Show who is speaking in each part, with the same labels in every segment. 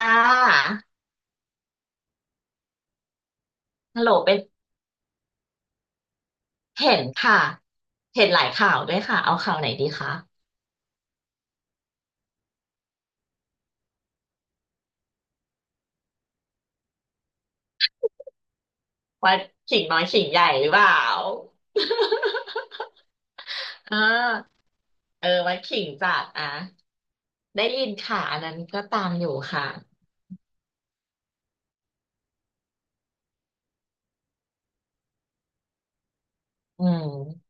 Speaker 1: อ่าฮัลโหลเป็นเห็นค่ะ เห็นหลายข่าวด้วยค่ะ เอาข่าวไหนดีคะวัดขิงน้อยขิงใหญ่หรือเปล่า อ่า เออวัดขิงจัดอ่ะ ได้ยินค่ะอันนั้นก็ตามอยู่ค่ะ อืม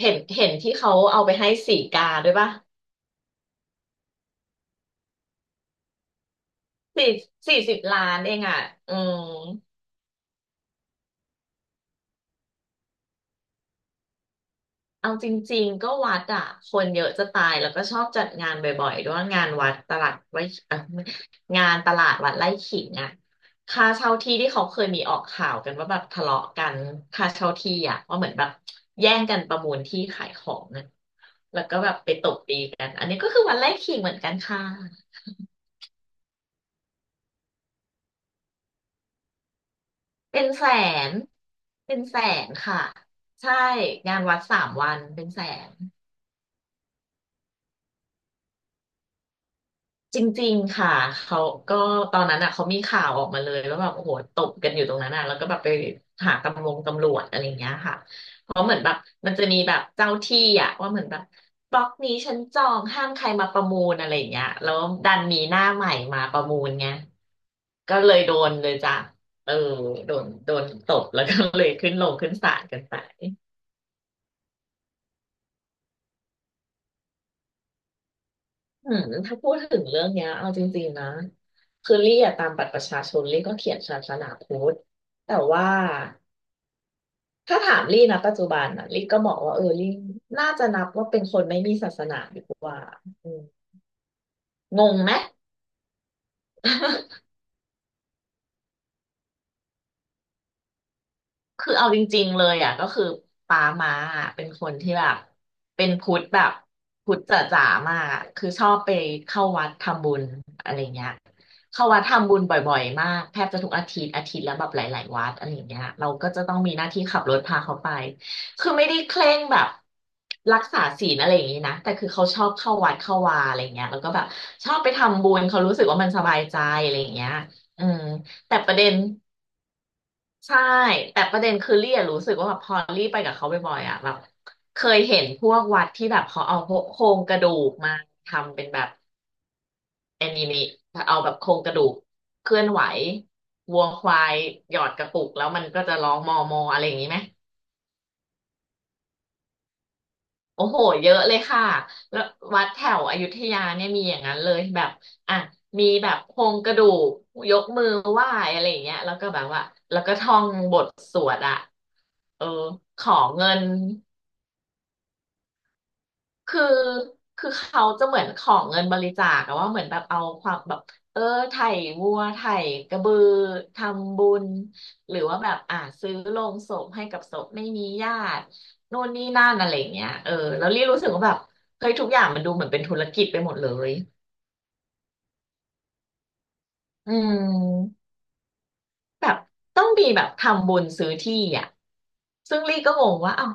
Speaker 1: เห็นที่เขาเอาไปให้สีกาด้วยป่ะสี่สี่สิบล้านเองอ่ะอืม เอาจริงๆก็วัดอะคนเยอะจะตายแล้วก็ชอบจัดงานบ่อยๆด้วยงานวัดตลาดไว้เอ่องานตลาดวัดไร่ขิงอะค่าเช่าที่ที่เขาเคยมีออกข่าวกันว่าแบบทะเลาะกันค่าเช่าที่อะว่าเหมือนแบบแย่งกันประมูลที่ขายของนะแล้วก็แบบไปตบตีกันอันนี้ก็คือวัดไร่ขิงเหมือนกันค่ะเป็นแสนเป็นแสนค่ะใช่งานวัดสามวันเป็นแสน จริงๆค่ะ เขาก็ตอนนั้นอ่ะเขามีข่าวออกมาเลยว่าแบบโอ้โหตบกันอยู่ตรงนั้นอ่ะแล้วก็แบบไปหาตำรวจอะไรอย่างเงี้ยค่ะเพราะเหมือนแบบมันจะมีแบบเจ้าที่อ่ะว่าเหมือนแบบบล็อกนี้ฉันจองห้ามใครมาประมูลอะไรอย่างเงี้ยแล้วดันมีหน้าใหม่มาประมูลไงก็เลยโดนเลยจ้ะเออโดนตบแล้วก็เลยขึ้นศาลกันไป อืมถ้าพูดถึงเรื่องเนี้ยเอาจริงๆนะคือลี่อะตามบัตรประชาชนลี่ก็เขียนศาสนาพุทธแต่ว่าถ้าถามลี่นะปัจจุบันอ่ะลี่ก็บอกว่าเออลี่น่าจะนับว่าเป็นคนไม่มีศาสนาดีกว่าอืมงงไหม คือเอาจริงๆเลยอ่ะก็คือปามาอะเป็นคนที่แบบเป็นพุทธแบบพุทธจ๋าๆมากอะคือชอบไปเข้าวัดทำบุญอะไรเงี้ยเข้าวัดทำบุญบ่อยๆมากแทบจะทุกอาทิตย์อาทิตย์ละแบบหลายๆวัดอะไรเงี้ยเราก็จะต้องมีหน้าที่ขับรถพาเขาไปคือไม่ได้เคร่งแบบรักษาศีลอะไรอย่างนี้นะแต่คือเขาชอบเข้าวัดเข้าวาอะไรเงี้ยแล้วก็แบบชอบไปทำบุญเขารู้สึกว่ามันสบายใจอะไรเงี้ยอืมแต่ประเด็น ใช่แต่ประเด็นคือลี่อะรู้สึกว่าแบบพอลี่ไปกับเขาบ่อยๆอ่ะแบบเคยเห็นพวกวัดที่แบบเขาเอาโครงกระดูกมาทำเป็นแบบแอนิเมะเอาแบบโครงกระดูกเคลื่อนไหววัวควายหยอดกระปุกแล้วมันก็จะร้องมอมออะไรอย่างนี้ไหมโอ้โหเยอะเลยค่ะแล้ววัดแถวอยุธยาเนี่ยมีอย่างนั้นเลยแบบอ่ะมีแบบโครงกระดูกยกมือไหว้อะไรอย่างเงี้ยแล้วก็แบบว่าแล้วก็ท่องบทสวดอ่ะเออขอเงิน คือคือเขาจะเหมือนขอเงินบริจาคอะว่าเหมือนแบบเอาความแบบเออไถวัวไถกระบือทำบุญ หรือว่าแบบซื้อโลงศพให้กับศพไม่มีญาตินู่นนี่นั่นอะไรอย่างเงี้ยเออแล้วรี่รู้สึกว่าแบบเฮ้ยทุกอย่างมันดูเหมือนเป็นธุรกิจไปหมดเลยอืม แบบต้องมีแบบทำบุญซื้อที่อ่ะซึ่งลี่ก็งงว่าเอ้า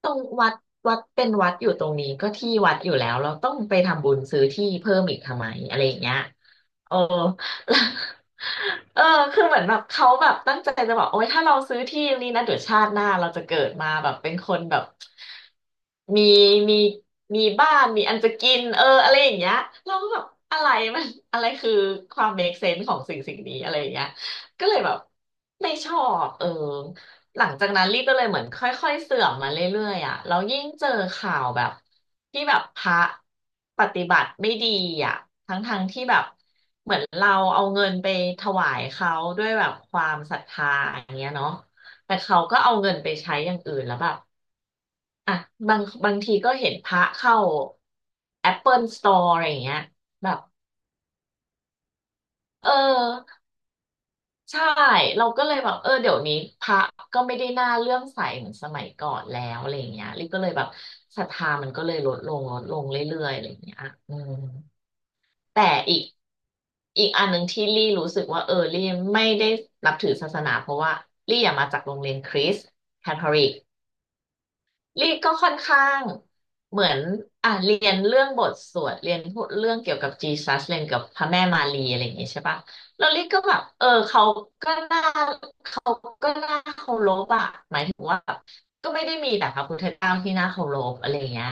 Speaker 1: ตรงวัดวัดเป็นวัดอยู่ตรงนี้ก็ที่วัดอยู่แล้วเราต้องไปทำบุญซื้อที่เพิ่มอีกทำไมอะไรอย่างเงี้ย เออ เออคือเหมือนแบบเขาแบบตั้งใจจะบอกโอ๊ยถ้าเราซื้อที่นี้นะเดี๋ยวชาติหน้าเราจะเกิดมาแบบเป็นคนแบบมีมีมีบ้านมีอันจะกินเอออะไรอย่างเงี้ยเราก็แบบอะไรมัน อะไรคือความ make sense ของสิ่งนี้อะไรอย่างเงี้ยก็เลยแบบไม่ชอบเออ หลังจากนั้นลี่ก็เลยเหมือนค่อยๆเสื่อมมาเรื่อยๆอ่ะแล้วยิ่งเจอข่าวแบบที่แบบพระปฏิบัติไม่ดีอ่ะทั้งๆที่แบบเหมือนเราเอาเงินไปถวายเขาด้วยแบบความศรัทธาอย่างเงี้ยเนาะแต่เขาก็เอาเงินไปใช้อย่างอื่นแล้วแบบอ่ะบางทีก็เห็นพระเข้า Apple Store อะไรอย่างเงี้ยแบบเออ ใช่เราก็เลยแบบเออเดี๋ยวนี้พระก็ไม่ได้น่าเลื่อมใสเหมือนสมัยก่อนแล้วอะไรอย่างเงี้ยลิก็เลยแบบศรัทธามันก็เลยลดลงลดลงเรื่อยๆอะไรอย่างเงี้ยอืมแต่อีกอีกอันหนึ่งที่ลี่รู้สึกว่าเออลี่ไม่ได้นับถือศาสนาเพราะว่าลี่อะมาจากโรงเรียนคริสต์คาทอลิก ลี่ก็ค่อนข้างเหมือนอ่ะเรียนเรื่องบทสวดเรียนพูดเรื่องเกี่ยวกับจีซัสเรียนกับพระแม่มารีอะไรอย่างงี้ใช่ปะแล้วลี่ก็แบบเออก็น่าเขาก็น่าเคารพอะหมายถึงว่าแบบก็ไม่ได้มีแต่พระพุทธเจ้าที่น่าเคารพอะไรอย่างเงี้ย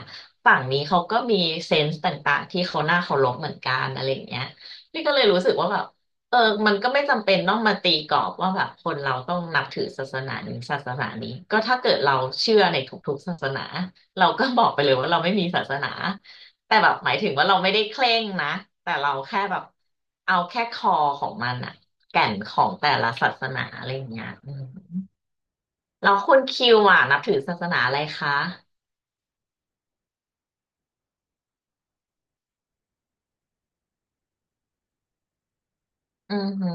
Speaker 1: ฝั่งนี้เขาก็มีเซนส์ต่างๆที่เขาน่าเคารพเหมือนกันอะไรอย่างเงี้ยลี่ก็เลยรู้สึกว่าแบบ เออมันก็ไม่จำเป็นต้องมาตีกรอบว่าแบบคนเราต้องนับถือศาสนานี้ศาสนานี้ก็ถ้าเกิดเราเชื่อในทุกๆศาสนาเราก็บอกไปเลยว่าเราไม่มีศาสนาแต่แบบหมายถึงว่าเราไม่ได้เคร่งนะแต่เราแค่แบบเอาแค่คอของมันอะแก่นของแต่ละศาสนาอะไรอย่างเงี้ยอืมแล้วคุณคิวอะนับถือศาสนาอะไรคะอือหือ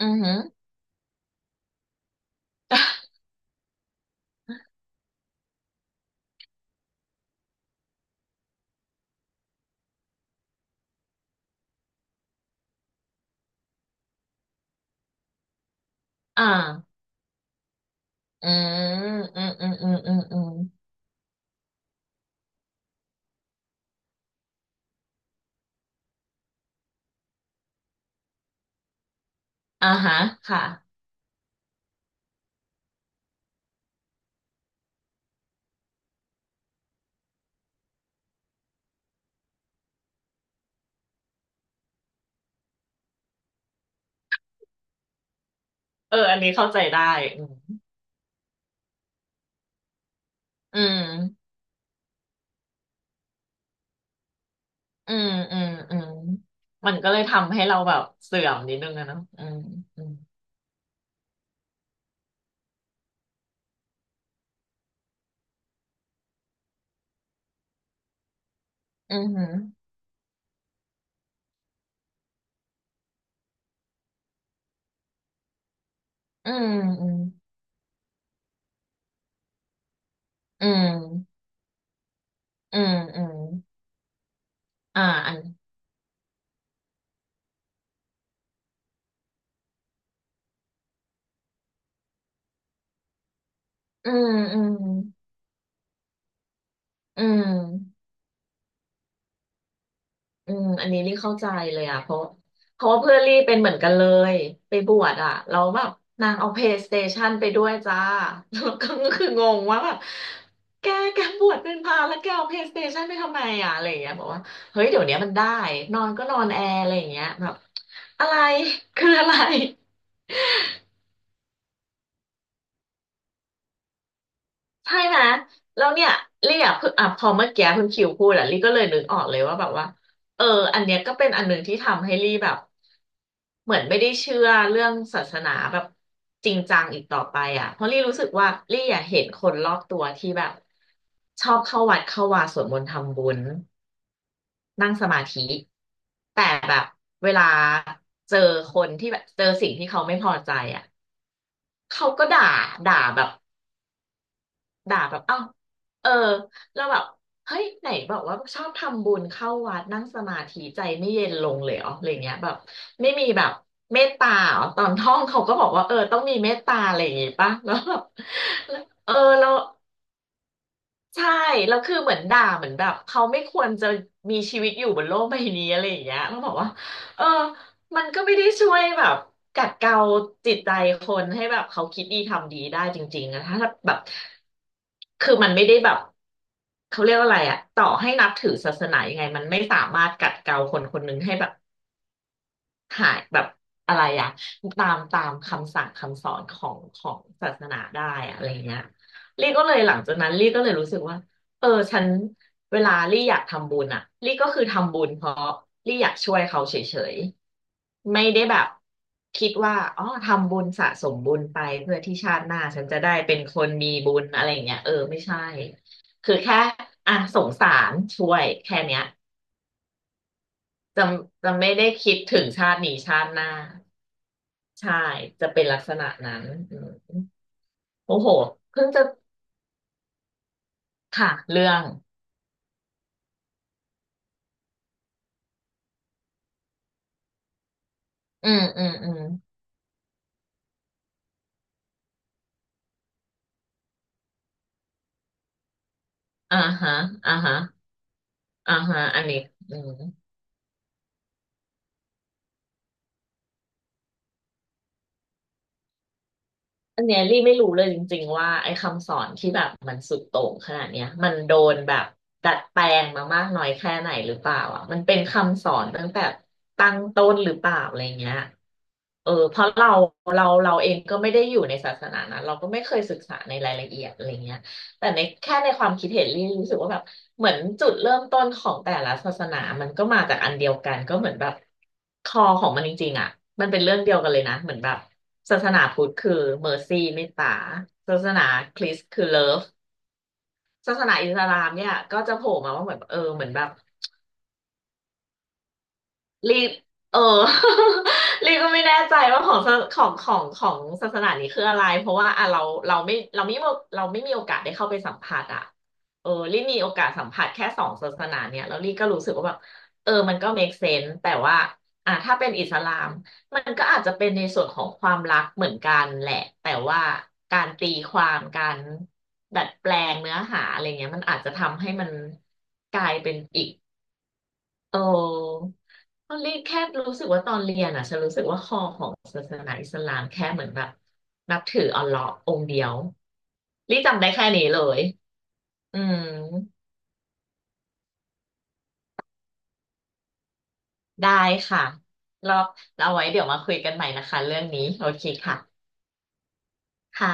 Speaker 1: อือหือ อ่าอืมอืมอืมอืมอืมอืมอ่าฮะค่ะ เอออันนี้เข้าใจได้อืมอืมอืมอืมอืมมันก็เลยทำให้เราแบบเสื่อมนิดนึงอะเนาะอืมอืมอืมอืมอืมอืมอืมอืมอ่าอันอืมอืมอืม อืมอันนี้รีเข้าใจเลยอ่ะเพราะเพราะว่าเพื่อนรีเป็นเหมือนกันเลยไปบวชอ่ะเราแล้วแบบนางเอา PlayStation ไปด้วยจ้า แล้วก็คืองงว่าแบบแกแกบวชเป็นพระแล้วแกเอา PlayStation ไปทำไมอ่ะอะไรอย่างเงี้ยบอกว่าเฮ้ยเดี๋ยวนี้มันได้นอนก็นอนแอร์อะไรอย่างเงี้ยแบบอะไรคืออะไร ใช่ไหมแล้วเนี่ยลี่อ่ะเพิ่งอ่ะพอเมื่อกี้คุณคิวพูดอ่ะลี่ก็เลยนึกออกเลยว่าแบบว่าเอออันเนี้ยก็เป็นอันหนึ่งที่ทำให้ลี่แบบเหมือนไม่ได้เชื่อเรื่องศาสนาแบบจริงจังอีกต่อไปอ่ะเพราะลี่รู้สึกว่าลี่อ่ะเห็นคนรอบตัวที่แบบชอบเข้าวัดเข้าวาสวดมนต์ทำบุญนั่งสมาธิแต่แบบเวลาเจอคนที่แบบเจอสิ่งที่เขาไม่พอใจอ่ะเขาก็ด่าด่าแบบ ด่าแบบเอ้าเออเราแบบ เฮ้ย ไหนบอกว่าชอบทำบุญเข้าวัดนั่งสมาธิใจไม่เย็นลงเลยเหรออะไรเงี้ยแบบไม่มีแบบเมตตาเหรอตอนท่องเขาก็บอกว่าเออต้องมีเมตตาอะไรอย่างงี้ปะแล้วแบบแล้วเออเรา ใช่แล้วคือเหมือนด่าเหมือนแบบเขาไม่ควรจะมีชีวิตอยู่บนโลกใบนี้อะไรอย่างเงี้ยแล้วบอกว่าเออมันก็ไม่ได้ช่วยแบบกัดเกลาจิตใจคนให้แบบเขาคิดดีทำดีได้จริงๆนะถ้าแบบคือมันไม่ได้แบบเขาเรียกว่าอะไรอะต่อให้นับถือศาสนายังไงมันไม่สามารถกัดเกลาคนคนหนึ่งให้แบบ หายแบบอะไรอะตามคำสั่งคำสอนของศาสนาได้อะอะไรเงี้ยลี่ก็เลยหลังจากนั้นลี่ก็เลยรู้สึกว่าเออฉันเวลาลี่อยากทำบุญอะลี่ก็คือทำบุญเพราะลี่อยากช่วยเขาเฉยๆไม่ได้แบบคิดว่าอ๋อทำบุญสะสมบุญไปเพื่อที่ชาติหน้าฉันจะได้เป็นคนมีบุญอะไรอย่างเงี้ยเออไม่ใช่คือแค่อ่ะสงสารช่วยแค่เนี้ยจะจะไม่ได้คิดถึงชาตินี้ชาติหน้า ใช่จะเป็นลักษณะนั้นอืมโอ้โหเพิ่งจะค่ะเรื่องอืมอืมอืมอ่าฮะอ่าฮะอ่าฮะอันนี้อืม อันเนี้ยลี่ไม่รู้เลยจริงๆว่าไอ้คำสอนที่แบบมันสุดโต่งขนาดเนี้ยมันโดนแบบดัดแปลงมามากน้อยแค่ไหนหรือเปล่าอ่ะมันเป็นคำสอนตั้งแต่ตั้งต้นหรือเปล่าอะไรเงี้ยเออเพราะเราเองก็ไม่ได้อยู่ในศาสนานั้นเราก็ไม่เคยศึกษาในรายละเอียดอะไรเงี้ยแต่ในแค่ในความคิดเห็นลี่รู้สึกว่าแบบเหมือนจุดเริ่มต้นของแต่ละศาสนามันก็มาจากอันเดียวกันก็เหมือนแบบคอของมันจริงๆอ่ะมันเป็นเรื่องเดียวกันเลยนะเหมือนแบบ ศาสนาพุทธคือเมอร์ซี่เมตตาศาสนาคริสต์คือเลิฟศาสนาอิสลามเนี่ยก็จะโผล่มาว่าเหมือนเออเหมือนแบบ ลีบเออ ลีบก็ไม่แน่ใจว่าของศาของของของศาสนานี้คืออะไร เพราะว่าอ่ะเราเราไม่เราไม่ีเราไม่มีโอกาสได้เข้าไปสัมผัสอ่ะเออลีมีโอกาสสัมผัสแค่สองศาสนาเนี่ยแล้วลีก็รู้สึกว่าแบบเออมันก็ make sense แต่ว่าอ่ะถ้าเป็นอิสลามมันก็อาจจะเป็นในส่วนของความรักเหมือนกันแหละแต่ว่าการตีความการดัดแปลงเนื้อหาอะไรเงี้ยมันอาจจะทำให้มันกลายเป็นอีก โอ้ตอนเรียนแค่รู้สึกว่าตอนเรียนอ่ะฉันรู้สึกว่าคอของศาสนาอิสลามแค่เหมือนแบบนับถืออัลเลาะห์องค์เดียวรีจำได้แค่นี้เลยอืมได้ค่ะรอบเราไว้เดี๋ยวมาคุยกันใหม่นะคะเรื่องนี้โอเคค่ะค่ะ